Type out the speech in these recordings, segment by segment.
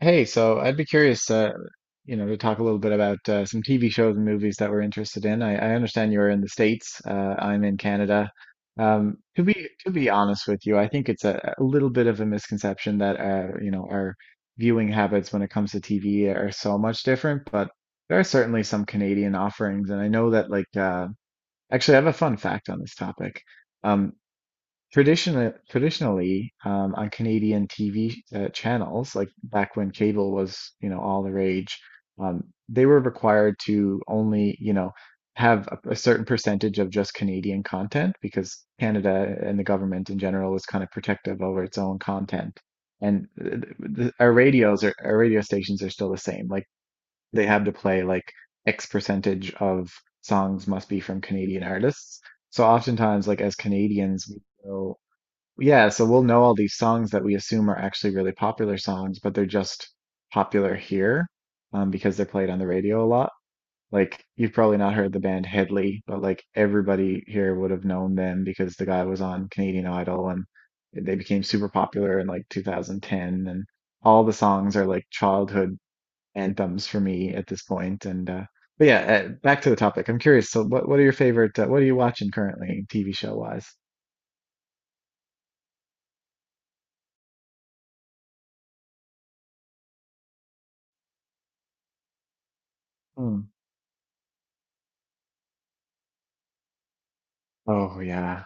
Hey, so I'd be curious, to talk a little bit about some TV shows and movies that we're interested in. I understand you're in the States. I'm in Canada. To be honest with you, I think it's a little bit of a misconception that our viewing habits when it comes to TV are so much different, but there are certainly some Canadian offerings, and I know that actually, I have a fun fact on this topic. Um, traditionally, on Canadian TV channels, like back when cable was, you know, all the rage, um, they were required to only, you know, have a certain percentage of just Canadian content because Canada and the government in general was kind of protective over its own content. And our our radio stations are still the same. Like they have to play like X percentage of songs must be from Canadian artists. So oftentimes, like as Canadians, yeah, so we'll know all these songs that we assume are actually really popular songs, but they're just popular here because they're played on the radio a lot. Like, you've probably not heard the band Headley, but like everybody here would have known them because the guy was on Canadian Idol, and they became super popular in like 2010. And all the songs are like childhood anthems for me at this point. Back to the topic. I'm curious. So, what are your favorite, what are you watching currently, TV show wise? Hmm. Oh, yeah.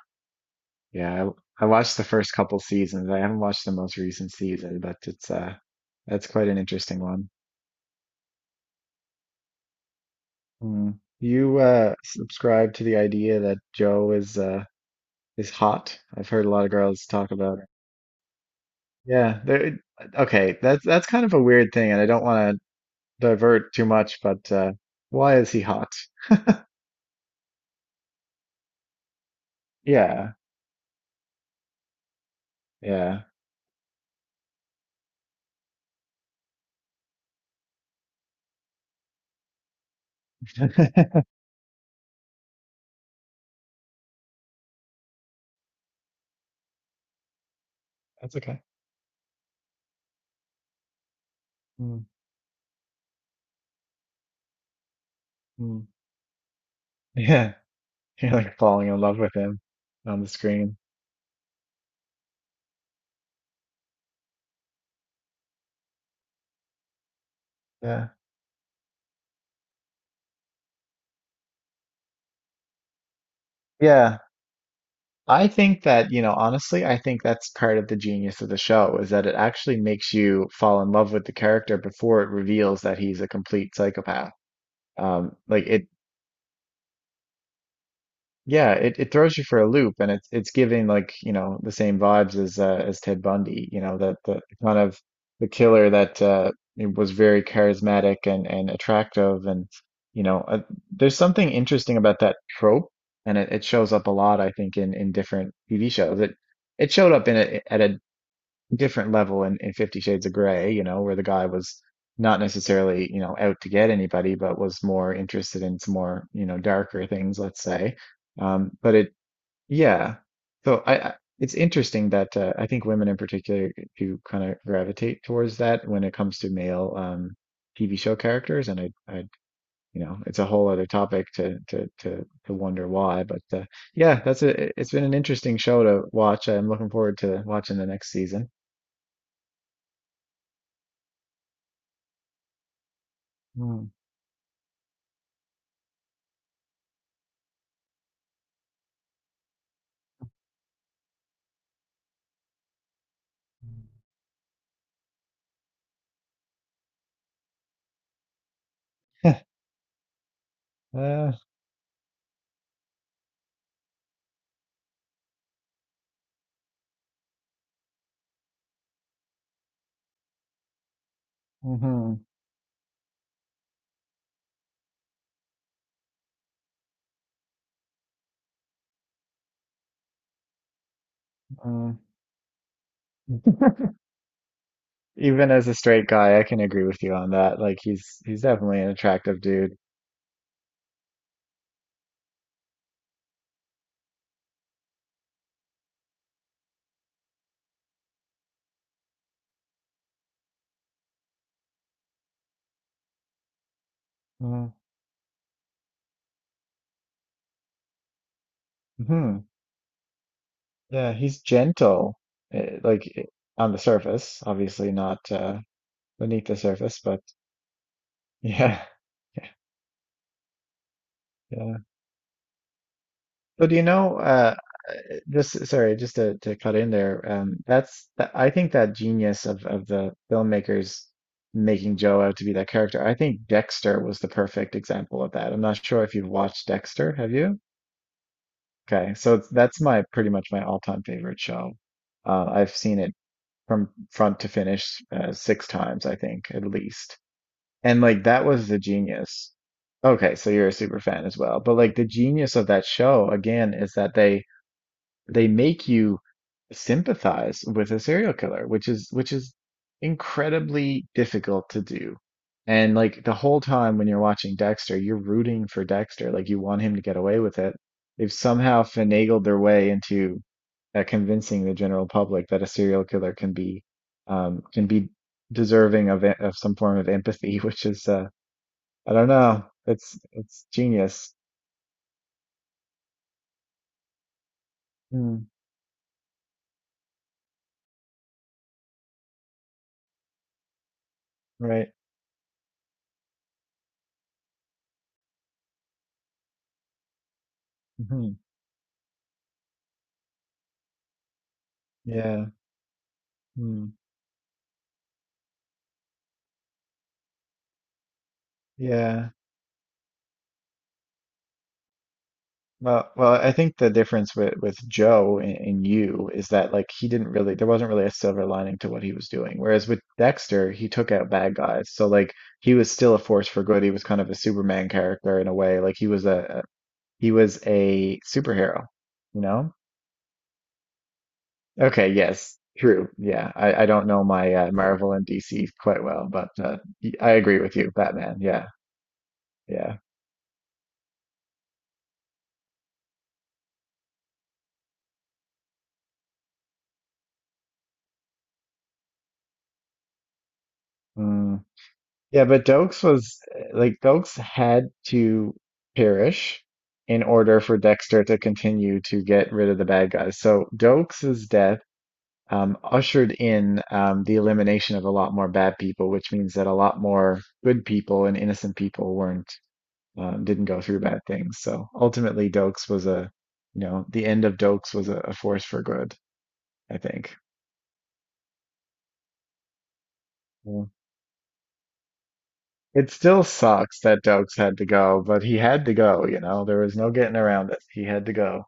Yeah, I watched the first couple seasons. I haven't watched the most recent season, but it's that's quite an interesting one. Mm. You subscribe to the idea that Joe is hot. I've heard a lot of girls talk about it. Yeah, there okay, that's kind of a weird thing and I don't want to divert too much, but why is he hot? Yeah. Yeah. That's okay. Mm, mm. Yeah, you're like falling in love with him on the screen. Yeah. Yeah. I think that, you know, honestly, I think that's part of the genius of the show is that it actually makes you fall in love with the character before it reveals that he's a complete psychopath. Um, like it, yeah, it throws you for a loop and it's giving like, you know, the same vibes as Ted Bundy, you know, that the kind of the killer that was very charismatic and attractive and you know, there's something interesting about that trope, and it shows up a lot I think in different TV shows. It showed up in a different level in Fifty Shades of Grey, you know, where the guy was not necessarily, you know, out to get anybody, but was more interested in some more, you know, darker things, let's say. Um, but it, yeah. So I it's interesting that I think women in particular do kind of gravitate towards that when it comes to male TV show characters, and you know, it's a whole other topic to wonder why. But yeah, it's been an interesting show to watch. I'm looking forward to watching the next season. Uh, mhm, uh, even as a straight guy, I can agree with you on that. Like he's definitely an attractive dude. Mm hmm. Yeah, he's gentle. eh, like eh, on the surface, obviously not beneath the surface, but yeah, yeah. So do you know? Just sorry, just to, cut in there. I think that genius of the filmmakers making Joe out to be that character. I think Dexter was the perfect example of that. I'm not sure if you've watched Dexter, have you? Okay, so that's my pretty much my all-time favorite show. I've seen it from front to finish six times, I think, at least. And like that was the genius. Okay, so you're a super fan as well. But like the genius of that show again is that they make you sympathize with a serial killer, which is incredibly difficult to do. And like the whole time when you're watching Dexter, you're rooting for Dexter, like you want him to get away with it. They've somehow finagled their way into convincing the general public that a serial killer can be deserving of some form of empathy, which is I don't know. It's genius. Mm, right. Hmm. Yeah. Mm, yeah. Well, I think the difference with Joe and you is that like he didn't really there wasn't really a silver lining to what he was doing. Whereas with Dexter, he took out bad guys. So like he was still a force for good. He was kind of a Superman character in a way. Like he was a superhero, you know? Okay, yes. True. Yeah. I don't know my Marvel and DC quite well, but I agree with you, Batman. Yeah. Yeah. Mm. Yeah, but Dokes was like Dokes had to perish in order for Dexter to continue to get rid of the bad guys. So Dokes's death ushered in the elimination of a lot more bad people, which means that a lot more good people and innocent people weren't didn't go through bad things. So ultimately, Dokes was a you know the end of Dokes was a force for good, I think. Yeah. It still sucks that Dokes had to go, but he had to go, you know. There was no getting around it. He had to go.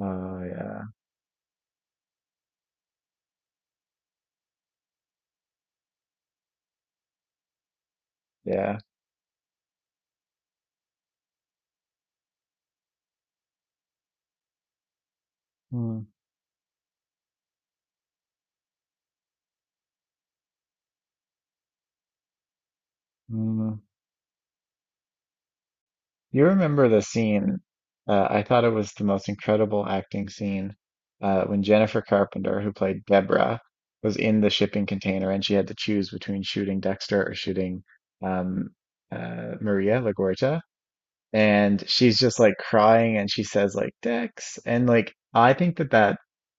Oh yeah, yeah. Mm, mm. You remember the scene? I thought it was the most incredible acting scene when Jennifer Carpenter, who played Deborah, was in the shipping container and she had to choose between shooting Dexter or shooting um, Maria LaGuardia. And she's just like crying and she says like Dex and like I think that that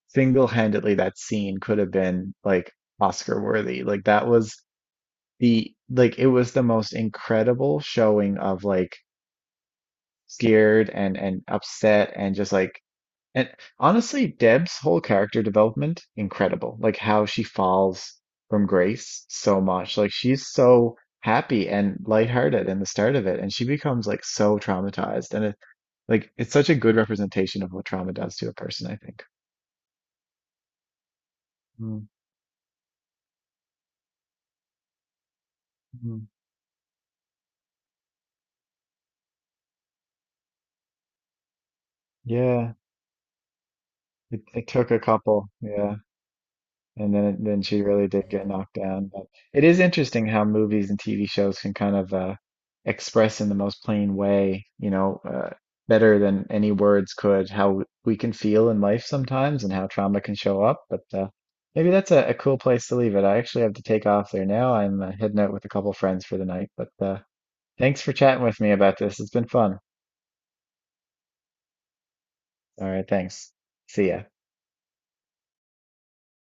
single-handedly that scene could have been like Oscar worthy, like that was the like it was the most incredible showing of like scared and upset and just like and honestly Deb's whole character development incredible like how she falls from grace so much like she's so happy and lighthearted in the start of it and she becomes like so traumatized and like it's such a good representation of what trauma does to a person, I think. Mm. Mm. Yeah, it took a couple, yeah, and then she really did get knocked down. But it is interesting how movies and TV shows can kind of express in the most plain way, you know, better than any words could, how we can feel in life sometimes and how trauma can show up. But maybe that's a cool place to leave it. I actually have to take off there now. I'm heading out with a couple friends for the night, but thanks for chatting with me about this. It's been fun. All right, thanks. See ya.